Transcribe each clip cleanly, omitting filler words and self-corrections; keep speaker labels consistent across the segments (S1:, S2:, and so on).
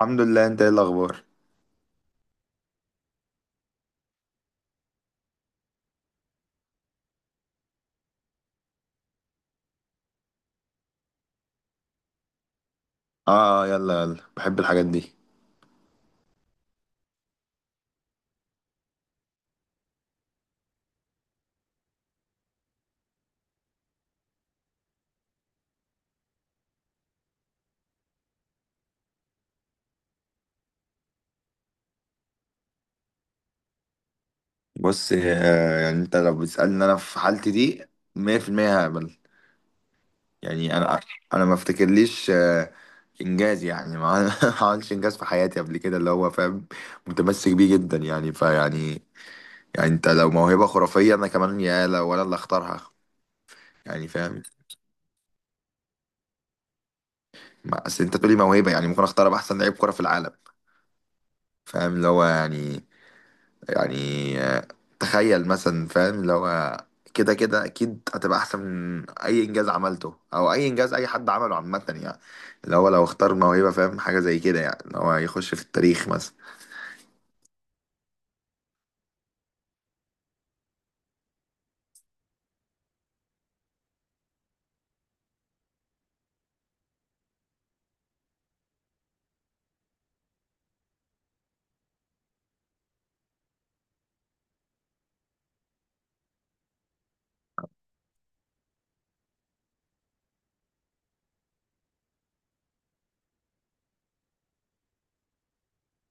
S1: الحمد لله، انت ايه الاخبار؟ اه، يلا يلا بحب الحاجات دي. بص، يعني انت لو بتسألني انا في حالتي دي 100% هقبل. يعني انا ما افتكرليش انجاز، يعني ما عمل- ما عملتش انجاز في حياتي قبل كده اللي هو فاهم، متمسك بيه جدا يعني فيعني. يعني انت لو موهبة خرافية، انا كمان يا لو انا اللي اختارها. يعني فاهم، اصل انت تقولي موهبة يعني ممكن اختار ابقى احسن لعيب كرة في العالم. فاهم اللي هو يعني تخيل مثلا، فاهم اللي هو كده كده اكيد هتبقى احسن من اي انجاز عملته، او اي انجاز اي حد عمله عامه يعني. اللي هو لو اختار موهبه، فاهم حاجه زي كده يعني، اللي هو يخش في التاريخ مثلا.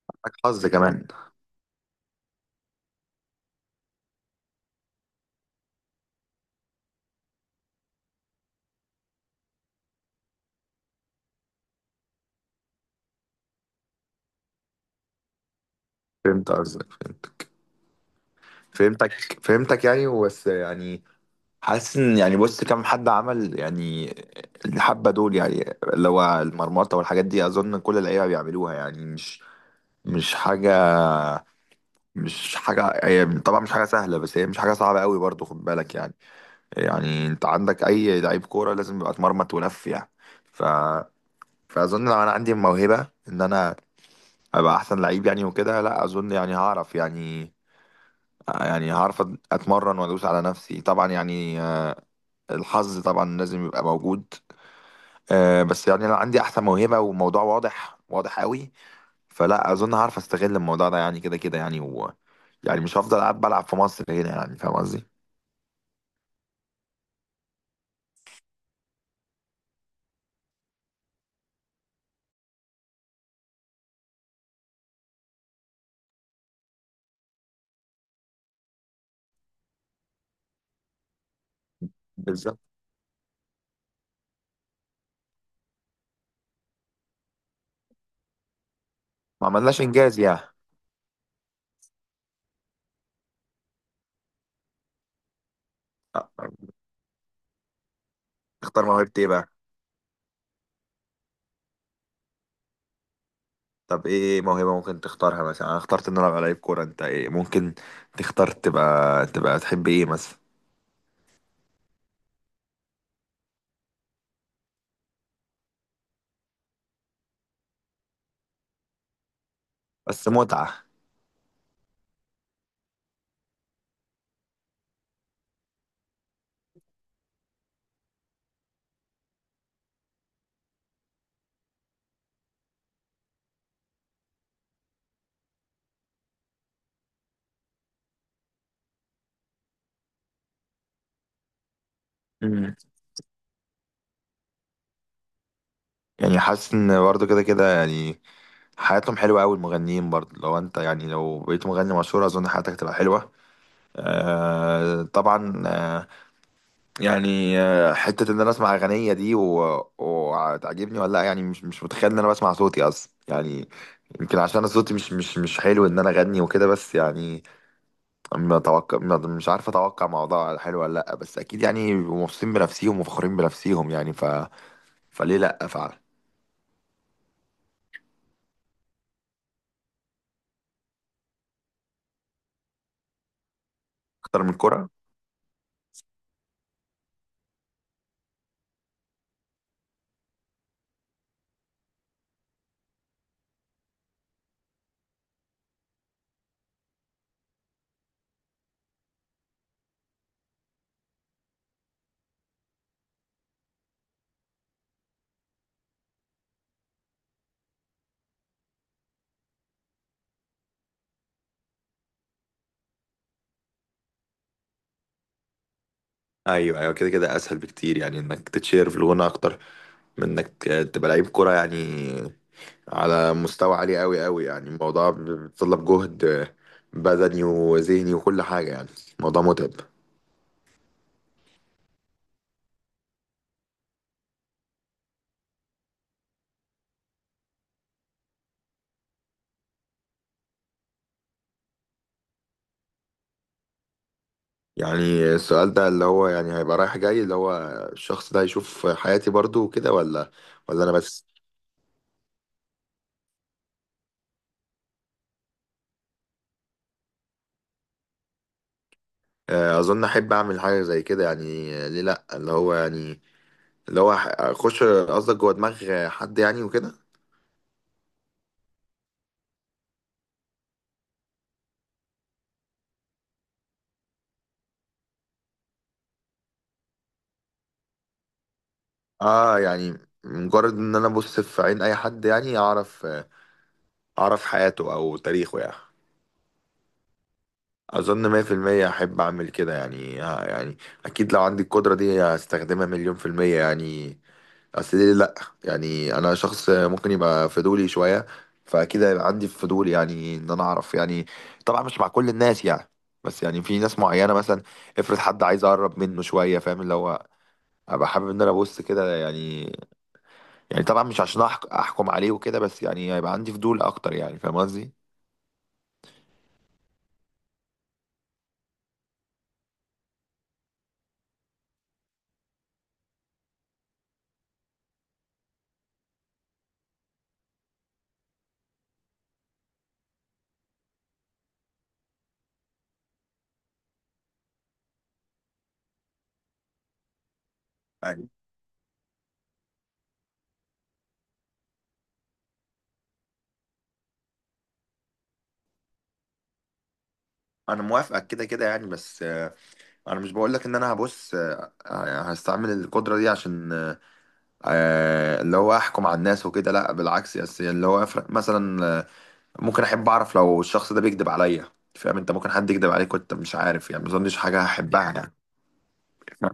S1: معاك حظ كمان. فهمت قصدك. فهمتك. يعني بس يعني حاسس ان، يعني بص كم حد عمل يعني الحبه دول، يعني اللي هو المرمطه والحاجات دي، اظن كل اللعيبه بيعملوها يعني. مش حاجه، مش حاجة، هي طبعا مش حاجة سهلة، بس هي مش حاجة صعبة قوي برضو، خد بالك يعني. يعني انت عندك اي لعيب كورة لازم يبقى اتمرمط ولف يعني. ف... فاظن لو انا عندي موهبة ان انا ابقى احسن لعيب يعني وكده، لا اظن، يعني هعرف يعني، يعني هعرف اتمرن وادوس على نفسي طبعا يعني. الحظ طبعا لازم يبقى موجود. بس يعني لو عندي احسن موهبة وموضوع واضح واضح قوي، فلا اظن هعرف استغل الموضوع ده يعني، كده كده يعني يعني مش هفضل قاعد بلعب في مصر هنا، يعني فاهم قصدي. بالظبط. ما عملناش انجاز يعني. آه، اختار موهبة ايه بقى؟ طب ايه موهبة ممكن تختارها؟ مثلا انا اخترت ان انا العب لعيب كورة، انت ايه ممكن تختار؟ تبقى تحب ايه مثلا؟ بس متعة. مم. يعني حاسس ان برضه كده كده يعني حياتهم حلوة قوي المغنيين برضه، لو انت يعني لو بقيت مغني مشهور اظن حياتك تبقى حلوة. آه طبعا آه. يعني حتة إن أنا أسمع أغنية دي وتعجبني ولا لأ، يعني مش متخيل إن أنا بسمع صوتي أصلا يعني. يمكن عشان أنا صوتي مش حلو إن أنا أغني وكده. بس يعني ما أتوقع ما- مش عارف أتوقع موضوع حلو ولا لأ، بس أكيد يعني مبسوطين بنفسيهم وفخورين بنفسيهم يعني. فليه لأ فعلا. أكتر من الكرة. ايوه ايوه، كده كده اسهل بكتير يعني، انك تتشير في الغنى اكتر من انك تبقى لعيب كرة يعني، على مستوى عالي قوي قوي. يعني الموضوع بيتطلب جهد بدني وذهني وكل حاجة يعني. الموضوع متعب. يعني السؤال ده اللي هو يعني هيبقى رايح جاي، اللي هو الشخص ده هيشوف حياتي برضو وكده، ولا؟ انا بس؟ اظن احب اعمل حاجة زي كده يعني، ليه لا؟ اللي هو يعني، اللي هو اخش قصدك جوه دماغ حد يعني وكده. اه يعني مجرد ان انا ابص في عين اي حد يعني اعرف، حياته او تاريخه يعني. اظن 100% احب اعمل كده يعني يعني، اكيد لو عندي القدرة دي هستخدمها مليون في المية يعني. اصل ليه لا؟ يعني انا شخص ممكن يبقى فضولي شوية، فاكيد هيبقى عندي فضول يعني ان انا اعرف يعني. طبعا مش مع كل الناس يعني، بس يعني في ناس معينة مثلا، افرض حد عايز اقرب منه شوية فاهم اللي هو ابقى حابب ان انا ابص كده يعني. يعني طبعا مش عشان احكم عليه وكده، بس يعني هيبقى عندي فضول اكتر يعني فاهم قصدي. أيوة. انا موافقك كده كده يعني، بس انا مش بقول لك ان انا هبص هستعمل القدره دي عشان اللي هو احكم على الناس وكده، لا بالعكس، بس اللي هو افرق مثلا. ممكن احب اعرف لو الشخص ده بيكذب عليا. فاهم انت ممكن حد يكذب عليك وانت مش عارف يعني، ما اظنش حاجه هحبها يعني.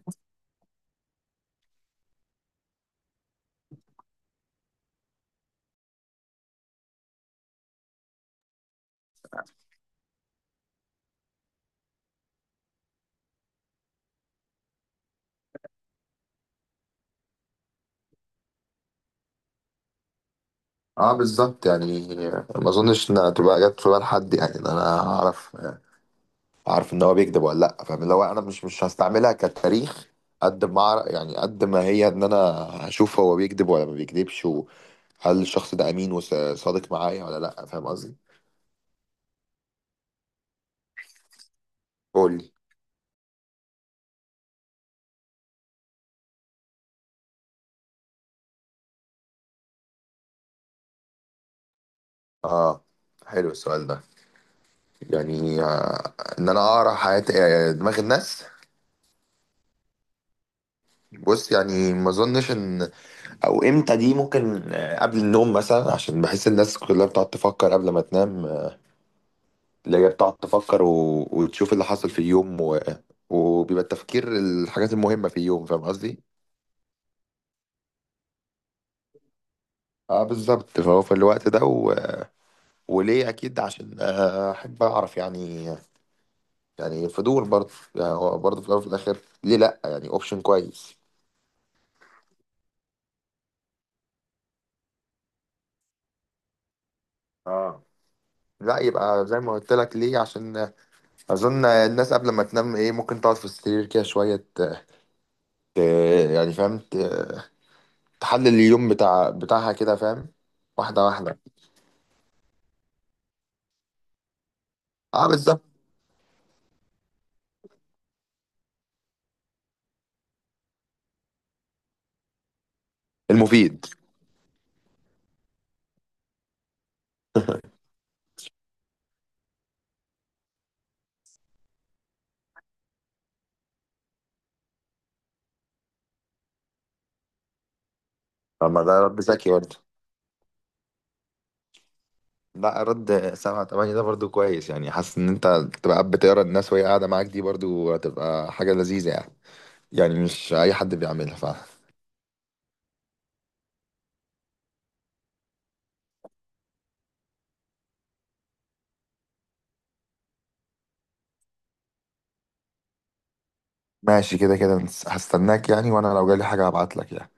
S1: اه بالظبط يعني. ما اظنش انها تبقى جت في بال حد، يعني ان انا اعرف، عارف ان هو بيكذب ولا لا، فاهم اللي هو انا مش هستعملها كتاريخ، قد ما أعرف- يعني قد ما هي ان انا هشوف هو بيكذب ولا ما بيكذبش، وهل الشخص ده امين وصادق معايا ولا لا، فاهم قصدي. قول لي. اه، حلو السؤال ده. يعني ان انا اقرا حياة دماغ الناس. بص يعني ما اظنش ان، او امتى دي ممكن قبل النوم مثلا، عشان بحس الناس كلها بتقعد تفكر قبل ما تنام، اللي هي بتقعد تفكر وتشوف اللي حصل في اليوم، وبيبقى التفكير الحاجات المهمة في اليوم، فاهم قصدي؟ اه بالظبط، فهو في الوقت ده وليه اكيد عشان احب اعرف يعني. يعني فضول برضه يعني، هو برضه في الاول وفي الاخر ليه لا؟ يعني اوبشن كويس. اه لا، يبقى زي ما قلت لك ليه، عشان اظن الناس قبل ما تنام ايه ممكن تقعد في السرير كده شويه، يعني فاهم تحلل اليوم بتاعها كده فاهم، واحده واحده. اه بالظبط. المفيد. طب ما ده رد ذكي برضه. لا، رد 7 8 ده برضه كويس، يعني حاسس ان انت تبقى قاعد بتقرا الناس وهي قاعدة معاك، دي برضه هتبقى حاجة لذيذة يعني، يعني مش أي حد بيعملها فعلا. ماشي كده كده. هستناك يعني، وأنا لو جالي حاجة هبعتلك يعني.